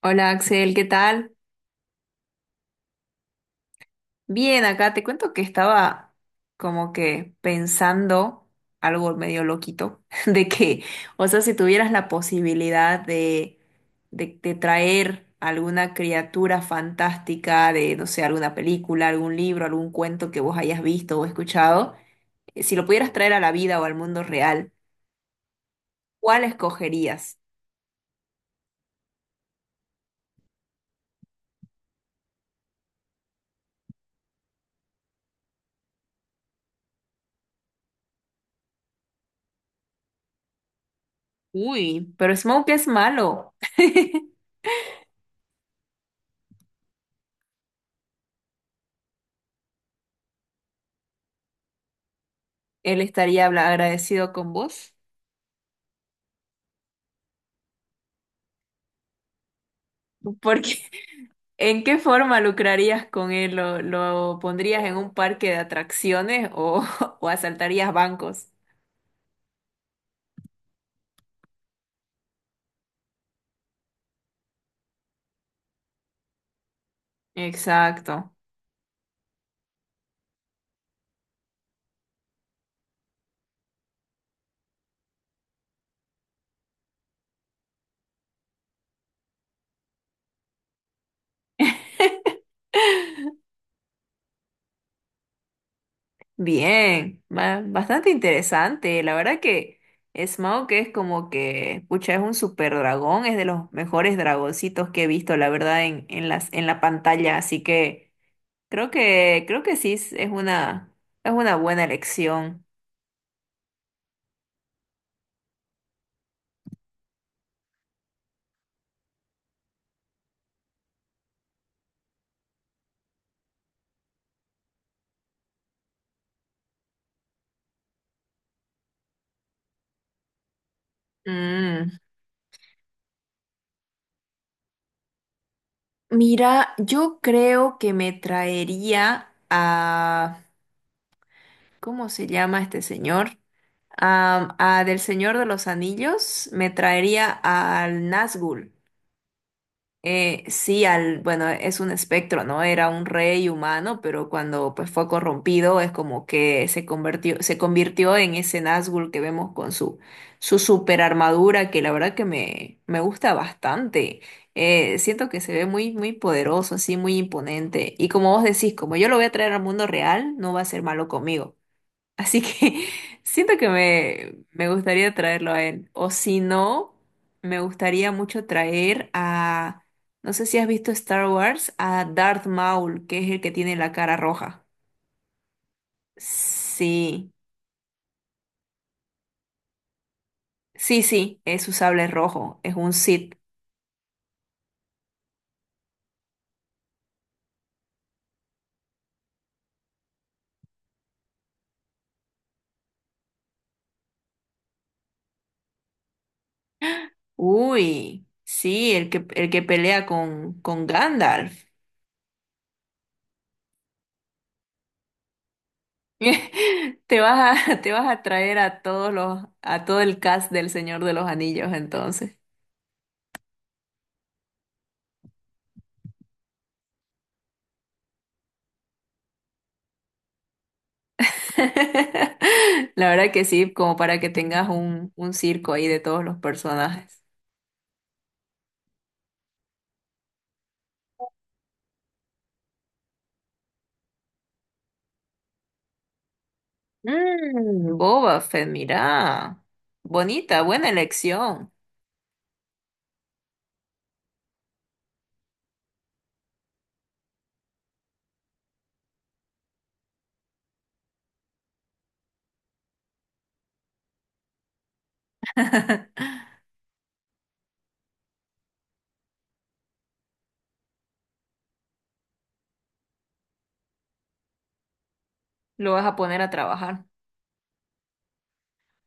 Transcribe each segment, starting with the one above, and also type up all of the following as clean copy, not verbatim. Hola, Axel, ¿qué tal? Bien, acá te cuento que estaba como que pensando algo medio loquito, o sea, si tuvieras la posibilidad de traer alguna criatura fantástica de, no sé, alguna película, algún libro, algún cuento que vos hayas visto o escuchado, si lo pudieras traer a la vida o al mundo real, ¿cuál escogerías? Uy, pero Smoke es malo. Él estaría agradecido con vos. Porque ¿En qué forma lucrarías con él? ¿Lo pondrías en un parque de atracciones o, o asaltarías bancos? Exacto. Bien, bastante interesante. La verdad que Smaug es como que, pucha, es un super dragón, es de los mejores dragoncitos que he visto, la verdad, en la pantalla. Así que creo que, creo que sí es una, es una buena elección. Mm, mira, yo creo que me traería a ¿cómo se llama este señor? A del Señor de los Anillos me traería al Nazgûl. Sí, al, bueno, es un espectro, ¿no? Era un rey humano, pero cuando pues fue corrompido es como que se convirtió en ese Nazgûl que vemos con su, su super armadura, que la verdad que me gusta bastante. Siento que se ve muy, muy poderoso, así, muy imponente. Y como vos decís, como yo lo voy a traer al mundo real, no va a ser malo conmigo. Así que siento que me gustaría traerlo a él. O si no, me gustaría mucho traer a, no sé si has visto Star Wars, a Darth Maul, que es el que tiene la cara roja. Sí, sí, sí, es su sable rojo, es un Sith. Uy, sí, el que pelea con Gandalf. Te vas a, te vas a traer a todos los, a todo el cast del Señor de los Anillos entonces. La verdad que sí, como para que tengas un circo ahí de todos los personajes. Mm, Boba Fett, mira. Bonita, buena elección. Lo vas a poner a trabajar.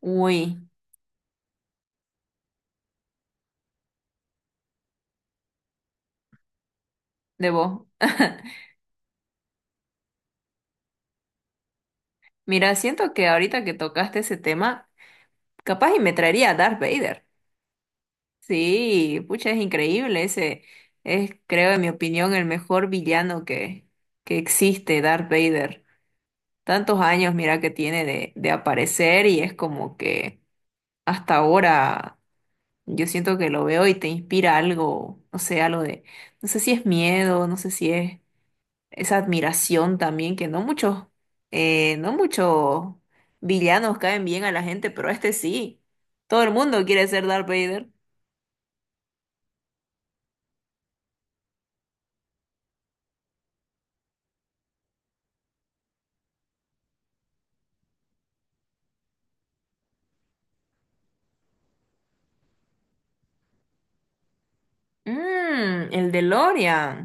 Uy, de vos. Mira, siento que ahorita que tocaste ese tema, capaz y me traería a Darth Vader. Sí, pucha, es increíble. Ese es, creo, en mi opinión, el mejor villano que existe, Darth Vader. Tantos años, mira, que tiene de aparecer y es como que hasta ahora yo siento que lo veo y te inspira algo, no sé, algo de, no sé si es miedo, no sé si es esa admiración también, que no muchos, no muchos villanos caen bien a la gente, pero este sí. Todo el mundo quiere ser Darth Vader. Mmm, el DeLorean.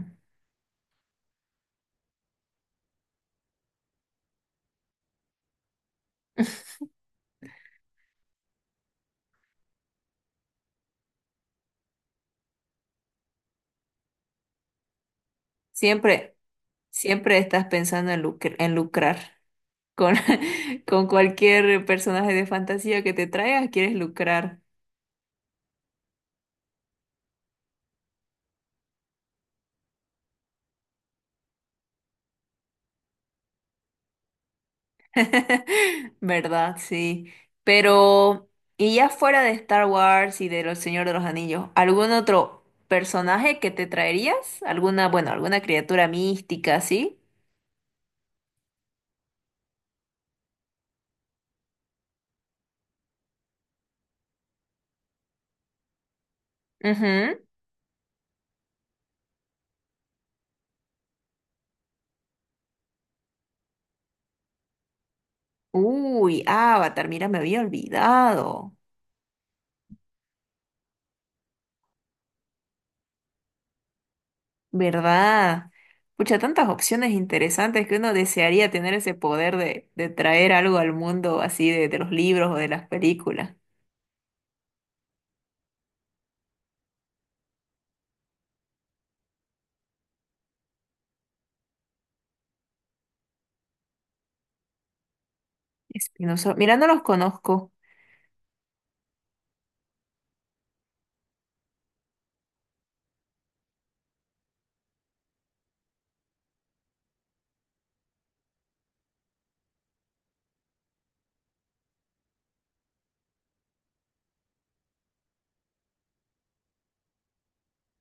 Siempre, siempre estás pensando en en lucrar. Con, con cualquier personaje de fantasía que te traigas, quieres lucrar. ¿Verdad? Sí. Pero, y ya fuera de Star Wars y de Los Señor de los Anillos, ¿algún otro personaje que te traerías? ¿Alguna, bueno, alguna criatura mística, sí? Ujú. Uy, Avatar, mira, me había olvidado. ¿Verdad? Pucha, tantas opciones interesantes que uno desearía tener ese poder de traer algo al mundo así de los libros o de las películas. Espinosa, mira, no los conozco.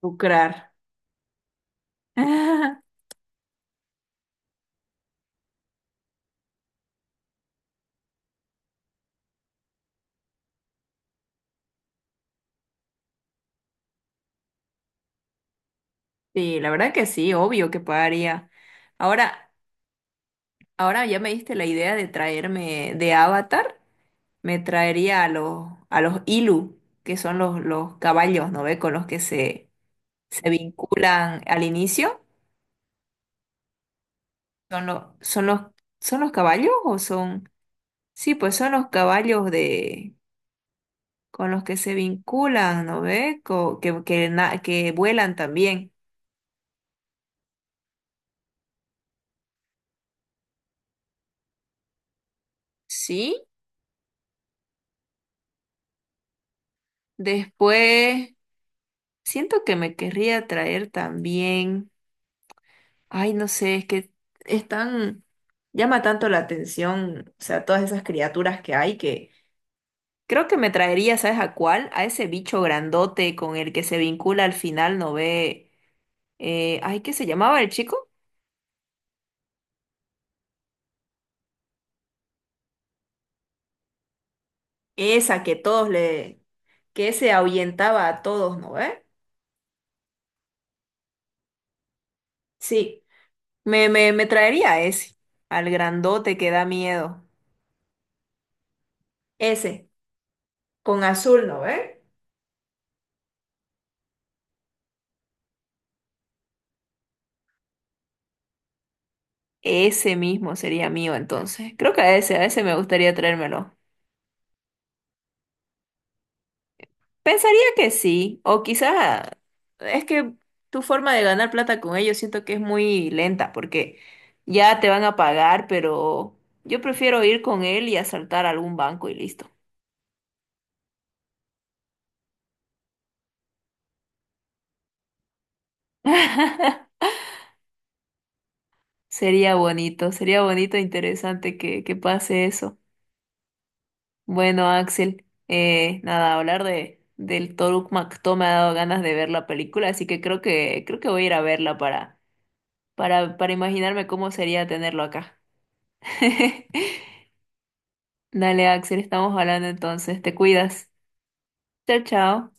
Lucrar. Sí, la verdad que sí, obvio que pagaría. Ahora, ahora ya me diste la idea de traerme de Avatar, me traería a los Ilu, que son los caballos, ¿no ve? Con los que se vinculan al inicio. Son los, son los, son los caballos o son, sí, pues son los caballos de, con los que se vinculan, ¿no ve? Que, que vuelan también. Sí, después siento que me querría traer también, ay, no sé, es que están, llama tanto la atención, o sea, todas esas criaturas que hay que creo que me traería, ¿sabes a cuál? A ese bicho grandote con el que se vincula al final, ¿no ve? Ay, ¿qué se llamaba el chico? Esa que todos le, que ese ahuyentaba a todos, ¿no ve? Sí, me traería ese, al grandote que da miedo. Ese, con azul, ¿no ve? Ese mismo sería mío entonces. Creo que a ese me gustaría traérmelo. Pensaría que sí, o quizás es que tu forma de ganar plata con ellos siento que es muy lenta porque ya te van a pagar, pero yo prefiero ir con él y asaltar algún banco y listo. Sería bonito e interesante que pase eso. Bueno, Axel, nada, hablar de del Toruk Makto me ha dado ganas de ver la película, así que creo que creo que voy a ir a verla para para imaginarme cómo sería tenerlo acá. Dale, Axel, estamos hablando entonces. Te cuidas. Chao, chao.